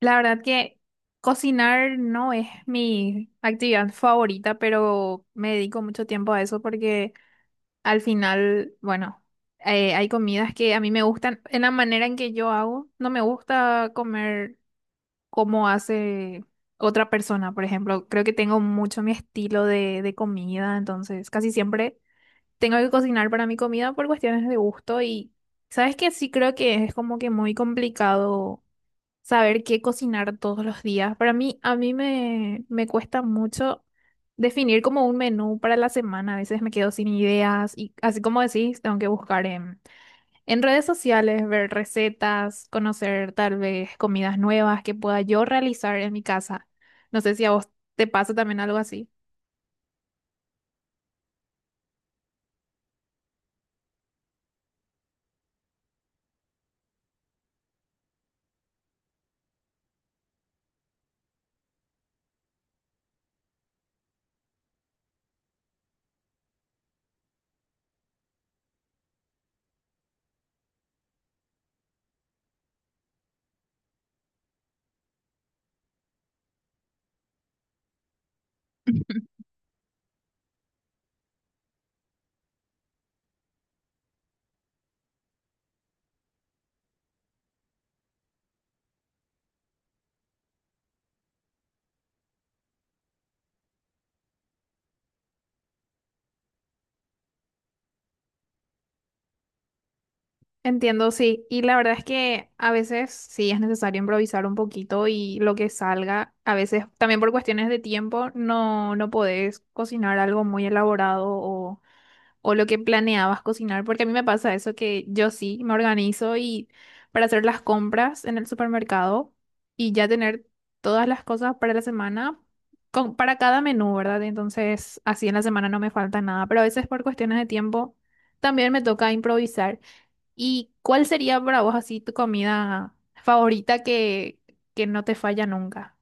La verdad que cocinar no es mi actividad favorita, pero me dedico mucho tiempo a eso porque al final, bueno, hay comidas que a mí me gustan en la manera en que yo hago. No me gusta comer como hace otra persona, por ejemplo. Creo que tengo mucho mi estilo de comida, entonces casi siempre tengo que cocinar para mi comida por cuestiones de gusto y, ¿sabes qué? Sí creo que es como que muy complicado saber qué cocinar todos los días. Para mí, a mí me cuesta mucho definir como un menú para la semana. A veces me quedo sin ideas y así como decís, tengo que buscar en redes sociales, ver recetas, conocer tal vez comidas nuevas que pueda yo realizar en mi casa. No sé si a vos te pasa también algo así. Entiendo, sí. Y la verdad es que a veces sí es necesario improvisar un poquito y lo que salga, a veces también por cuestiones de tiempo, no, no podés cocinar algo muy elaborado o lo que planeabas cocinar, porque a mí me pasa eso que yo sí me organizo y para hacer las compras en el supermercado y ya tener todas las cosas para la semana, con, para cada menú, ¿verdad? Entonces así en la semana no me falta nada, pero a veces por cuestiones de tiempo también me toca improvisar. ¿Y cuál sería para vos así tu comida favorita que no te falla nunca?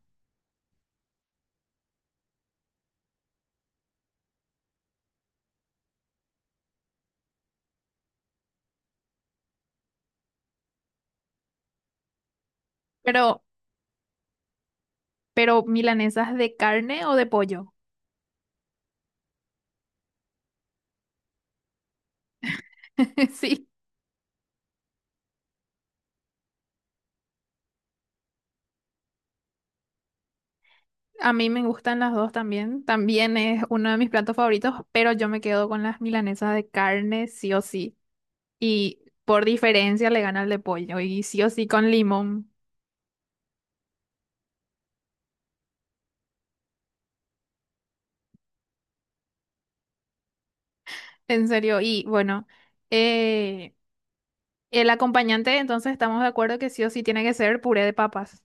Pero, pero milanesas de carne o de pollo. Sí, a mí me gustan las dos también. También es uno de mis platos favoritos, pero yo me quedo con las milanesas de carne sí o sí. Y por diferencia le gana el de pollo y sí o sí con limón. En serio. Y bueno, eh, el acompañante entonces estamos de acuerdo que sí o sí tiene que ser puré de papas.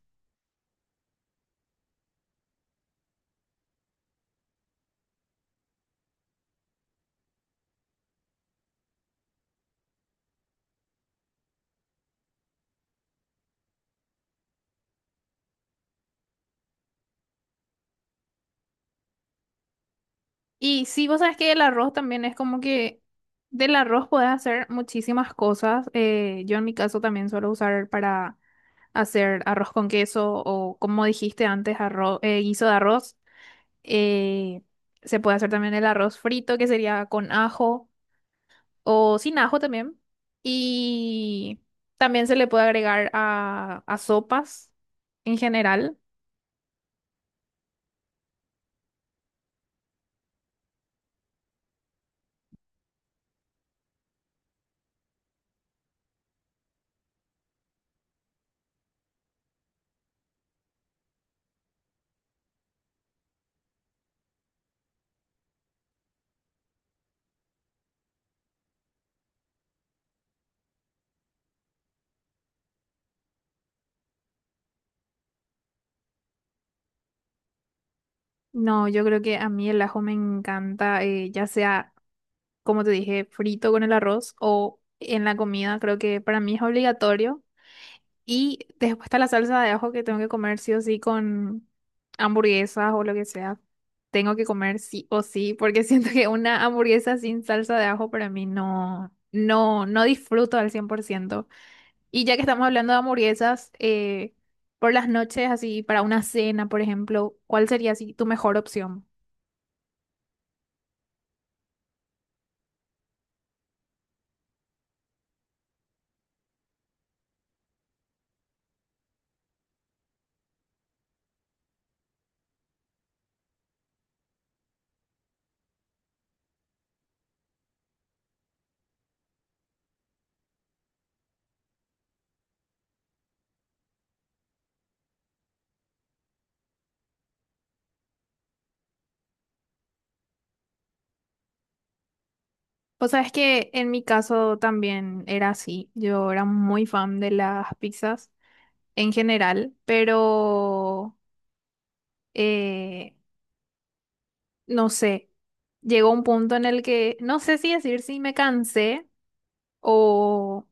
Y sí, vos sabes que el arroz también es como que del arroz podés hacer muchísimas cosas. Yo en mi caso también suelo usar para hacer arroz con queso o como dijiste antes, arroz, guiso de arroz. Eh, se puede hacer también el arroz frito, que sería con ajo o sin ajo también. Y también se le puede agregar a sopas en general. No, yo creo que a mí el ajo me encanta, ya sea, como te dije, frito con el arroz o en la comida, creo que para mí es obligatorio. Y después está la salsa de ajo que tengo que comer sí o sí con hamburguesas o lo que sea. Tengo que comer sí o sí, porque siento que una hamburguesa sin salsa de ajo para mí no, no, no disfruto al 100%. Y ya que estamos hablando de hamburguesas, por las noches, así para una cena, por ejemplo, ¿cuál sería así tu mejor opción? Pues sabes que en mi caso también era así. Yo era muy fan de las pizzas en general, pero eh, no sé. Llegó un punto en el que no sé si decir si me cansé o,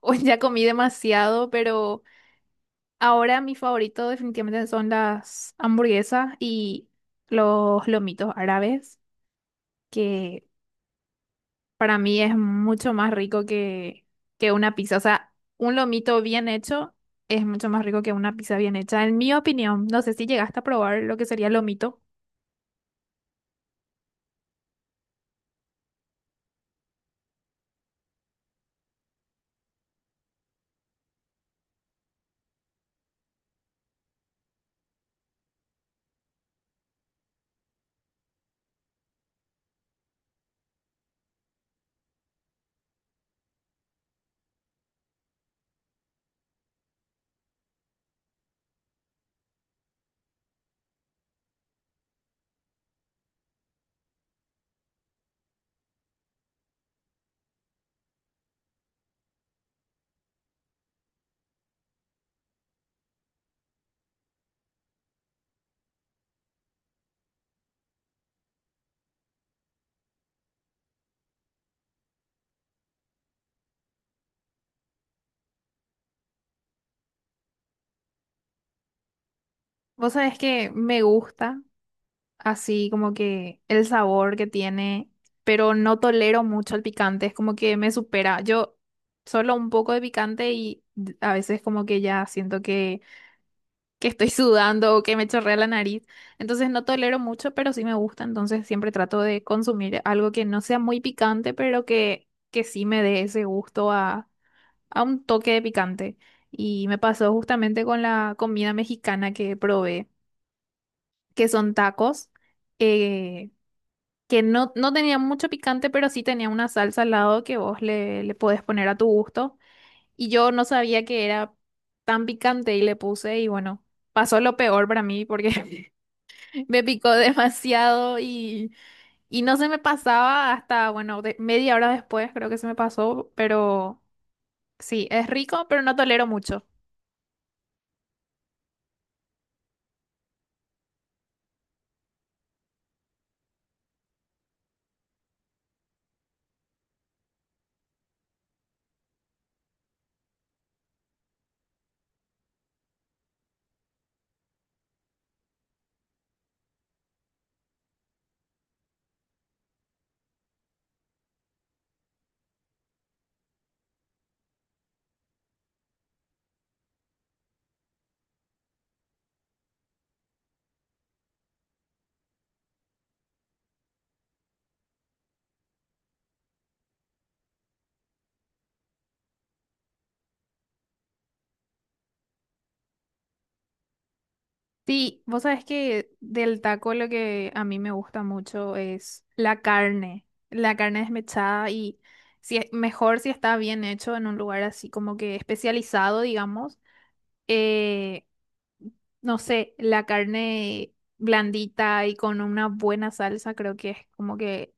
o ya comí demasiado, pero ahora mi favorito definitivamente son las hamburguesas y los lomitos árabes, que para mí es mucho más rico que una pizza. O sea, un lomito bien hecho es mucho más rico que una pizza bien hecha, en mi opinión. No sé si llegaste a probar lo que sería lomito. Vos sabés que me gusta así como que el sabor que tiene, pero no tolero mucho el picante. Es como que me supera. Yo solo un poco de picante y a veces como que ya siento que estoy sudando o que me chorrea la nariz. Entonces no tolero mucho, pero sí me gusta. Entonces siempre trato de consumir algo que no sea muy picante, pero que sí me dé ese gusto a un toque de picante. Y me pasó justamente con la comida mexicana que probé, que son tacos, eh, que no, no tenía mucho picante, pero sí tenía una salsa al lado que vos le podés poner a tu gusto. Y yo no sabía que era tan picante y le puse y bueno, pasó lo peor para mí porque me picó demasiado y no se me pasaba hasta, bueno, media hora después creo que se me pasó, pero sí, es rico, pero no tolero mucho. Sí, vos sabés que del taco lo que a mí me gusta mucho es la carne desmechada y si es, mejor si está bien hecho en un lugar así como que especializado, digamos. Eh, no sé, la carne blandita y con una buena salsa, creo que es como que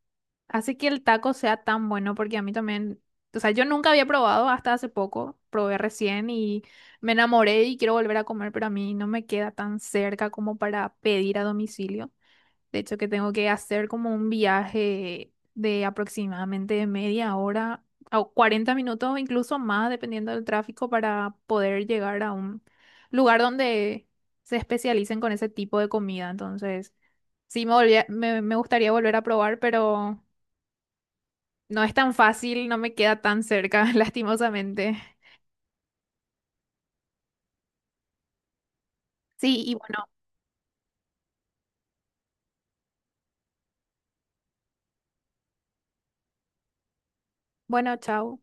hace que el taco sea tan bueno, porque a mí también, o sea, yo nunca había probado hasta hace poco, probé recién y me enamoré y quiero volver a comer, pero a mí no me queda tan cerca como para pedir a domicilio. De hecho, que tengo que hacer como un viaje de aproximadamente media hora o 40 minutos, incluso más, dependiendo del tráfico, para poder llegar a un lugar donde se especialicen con ese tipo de comida. Entonces, me gustaría volver a probar, pero no es tan fácil, no me queda tan cerca, lastimosamente. Sí, y bueno, bueno, chao.